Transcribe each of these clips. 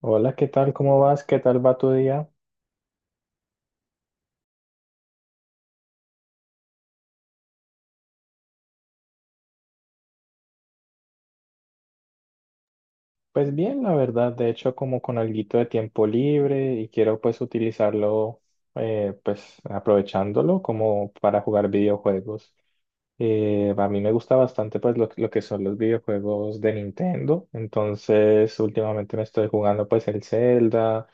Hola, ¿qué tal? ¿Cómo vas? ¿Qué tal va tu día? Pues bien, la verdad, de hecho como con alguito de tiempo libre y quiero pues utilizarlo pues aprovechándolo como para jugar videojuegos. A mí me gusta bastante pues lo que son los videojuegos de Nintendo, entonces últimamente me estoy jugando pues el Zelda,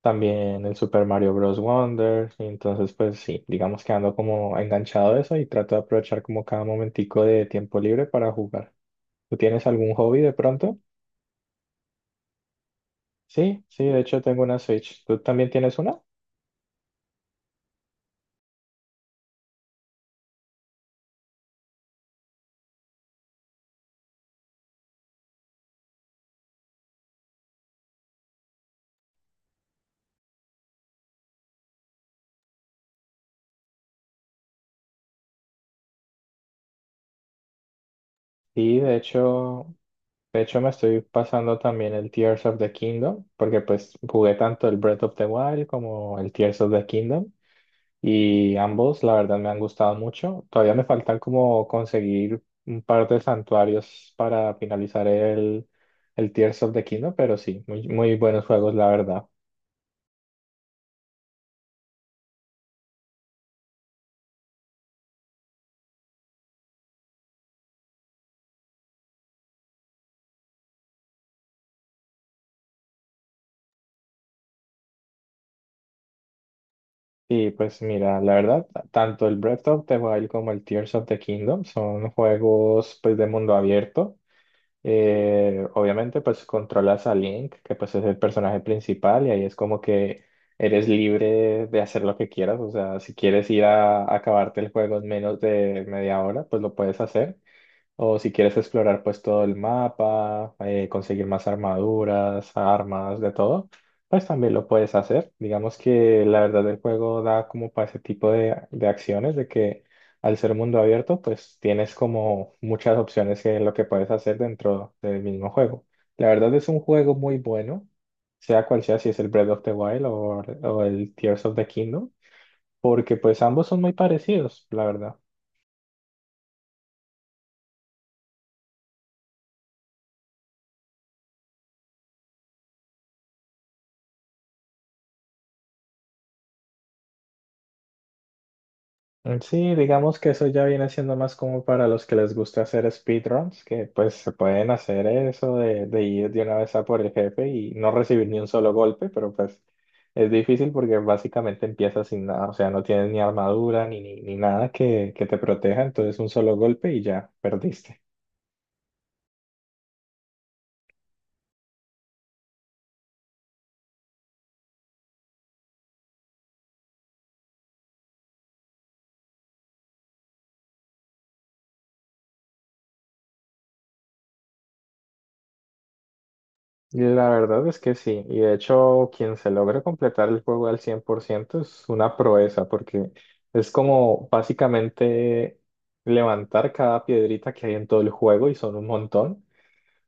también el Super Mario Bros. Wonder, y entonces pues sí, digamos que ando como enganchado de eso y trato de aprovechar como cada momentico de tiempo libre para jugar. ¿Tú tienes algún hobby de pronto? Sí, sí, de hecho tengo una Switch. ¿Tú también tienes una? Y de hecho, de hecho me estoy pasando también el Tears of the Kingdom, porque pues jugué tanto el Breath of the Wild como el Tears of the Kingdom y ambos la verdad me han gustado mucho. Todavía me faltan como conseguir un par de santuarios para finalizar el Tears of the Kingdom, pero sí, muy, muy buenos juegos la verdad. Y pues mira, la verdad, tanto el Breath of the Wild como el Tears of the Kingdom son juegos pues de mundo abierto. Obviamente pues controlas a Link, que pues es el personaje principal y ahí es como que eres libre de hacer lo que quieras. O sea, si quieres ir a acabarte el juego en menos de media hora, pues lo puedes hacer. O si quieres explorar pues todo el mapa, conseguir más armaduras, armas, de todo, pues también lo puedes hacer. Digamos que la verdad el juego da como para ese tipo de acciones, de que al ser mundo abierto, pues tienes como muchas opciones de lo que puedes hacer dentro del mismo juego. La verdad es un juego muy bueno, sea cual sea, si es el Breath of the Wild o el Tears of the Kingdom, porque pues ambos son muy parecidos, la verdad. Mm, sí, digamos que eso ya viene siendo más como para los que les gusta hacer speedruns, que pues se pueden hacer eso de ir de una vez a por el jefe y no recibir ni un solo golpe, pero pues es difícil porque básicamente empiezas sin nada, o sea, no tienes ni armadura ni nada que te proteja, entonces un solo golpe y ya perdiste. La verdad es que sí, y de hecho quien se logre completar el juego al 100% es una proeza, porque es como básicamente levantar cada piedrita que hay en todo el juego y son un montón,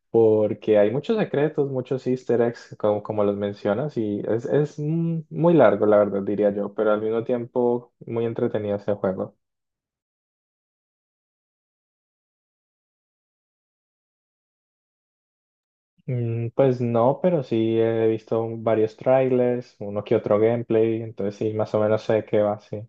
porque hay muchos secretos, muchos easter eggs, como, como los mencionas, y es muy largo, la verdad, diría yo, pero al mismo tiempo muy entretenido este juego. Mm, pues no, pero sí he visto varios trailers, uno que otro gameplay, entonces sí, más o menos sé de qué va, sí.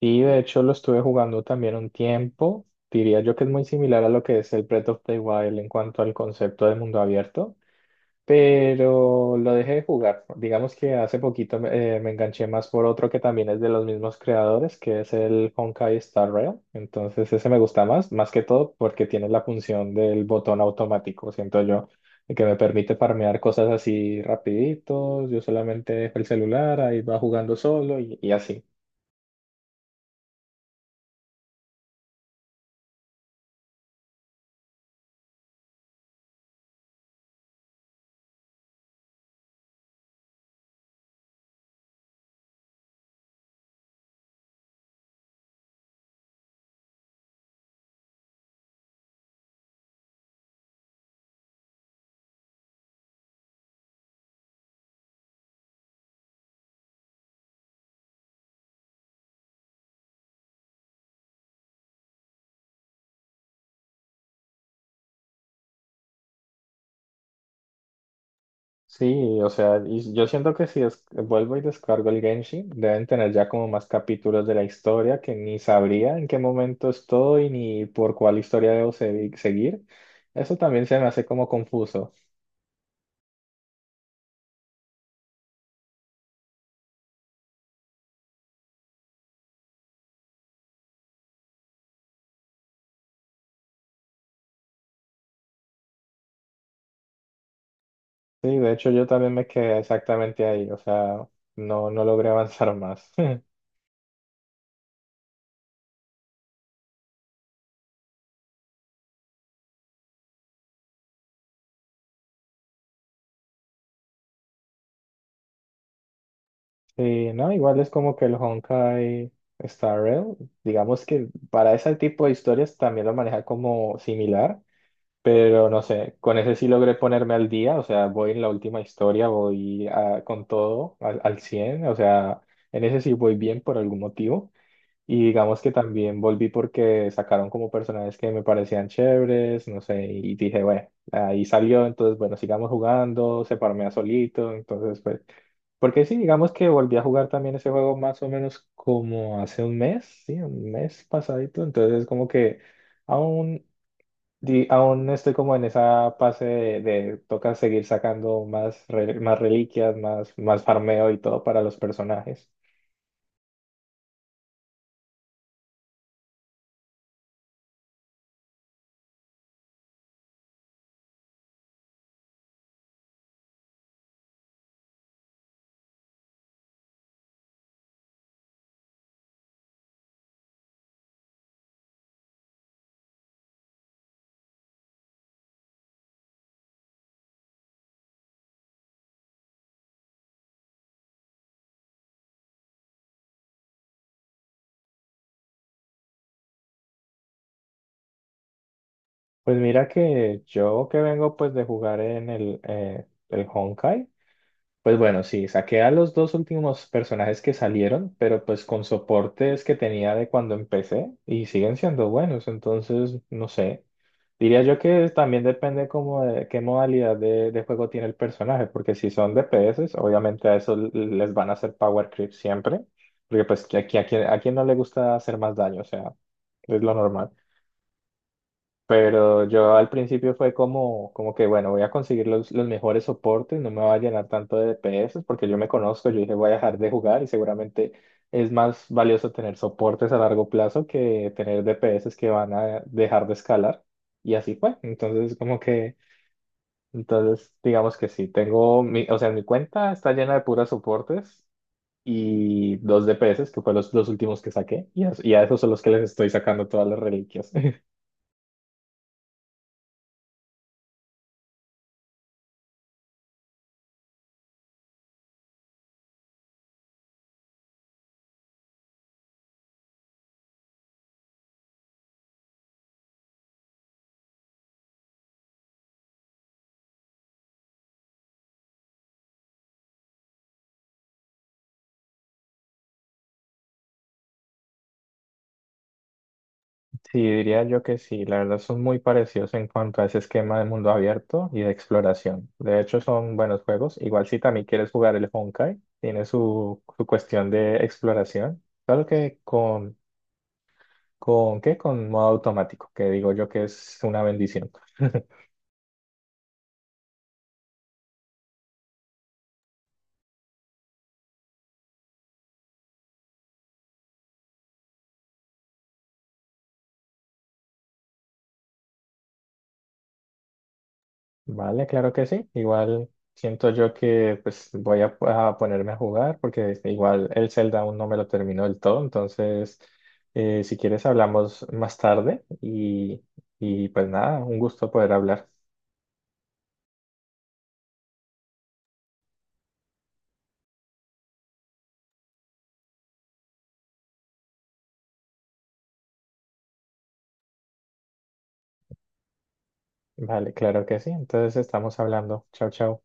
Y de hecho lo estuve jugando también un tiempo. Diría yo que es muy similar a lo que es el Breath of the Wild en cuanto al concepto de mundo abierto, pero lo dejé de jugar. Digamos que hace poquito me enganché más por otro que también es de los mismos creadores, que es el Honkai Star Rail. Entonces ese me gusta más, más que todo porque tiene la función del botón automático, siento yo, que me permite farmear cosas así rapiditos. Yo solamente dejo el celular, ahí va jugando solo y así. Sí, o sea, y yo siento que si des- vuelvo y descargo el Genshin, deben tener ya como más capítulos de la historia que ni sabría en qué momento estoy ni por cuál historia debo se- seguir. Eso también se me hace como confuso. Sí, de hecho yo también me quedé exactamente ahí, o sea, no, no logré avanzar más. Sí, no, igual es como que el Honkai Star Rail, digamos que para ese tipo de historias también lo maneja como similar. Pero no sé, con ese sí logré ponerme al día, o sea, voy en la última historia, voy a- con todo al, al 100, o sea, en ese sí voy bien por algún motivo. Y digamos que también volví porque sacaron como personajes que me parecían chéveres, no sé, y dije, bueno, ahí salió, entonces, bueno, sigamos jugando, se a solito, entonces, pues, porque sí, digamos que volví a jugar también ese juego más o menos como hace un mes, sí, un mes pasadito, entonces como que... Aún aún estoy como en esa fase de toca seguir sacando más, re- más reliquias, más, más farmeo y todo para los personajes. Pues mira que yo que vengo pues de jugar en el Honkai, pues bueno, sí, saqué a los dos últimos personajes que salieron, pero pues con soportes que tenía de cuando empecé y siguen siendo buenos, entonces no sé. Diría yo que también depende como de qué modalidad de juego tiene el personaje, porque si son DPS, obviamente a eso l- les van a hacer power creep siempre, porque pues quien, a quien no le gusta hacer más daño, o sea, es lo normal. Pero yo al principio fue como, como que, bueno, voy a conseguir los mejores soportes, no me va a llenar tanto de DPS, porque yo me conozco, yo dije, voy a dejar de jugar y seguramente es más valioso tener soportes a largo plazo que tener DPS que van a dejar de escalar. Y así fue. Entonces, como que, entonces, digamos que sí, tengo, mi, o sea, mi cuenta está llena de puras soportes y dos DPS, que fue los dos últimos que saqué, y a esos son los que les estoy sacando todas las reliquias. Sí, diría yo que sí, la verdad son muy parecidos en cuanto a ese esquema de mundo abierto y de exploración. De hecho, son buenos juegos. Igual si también quieres jugar el Honkai, tiene su cuestión de exploración. Claro que ¿qué? Con modo automático, que digo yo que es una bendición. Vale, claro que sí. Igual siento yo que pues voy a ponerme a jugar porque este, igual el Zelda aún no me lo terminó del todo. Entonces, si quieres hablamos más tarde y pues nada, un gusto poder hablar. Vale, claro que sí. Entonces estamos hablando. Chao, chao.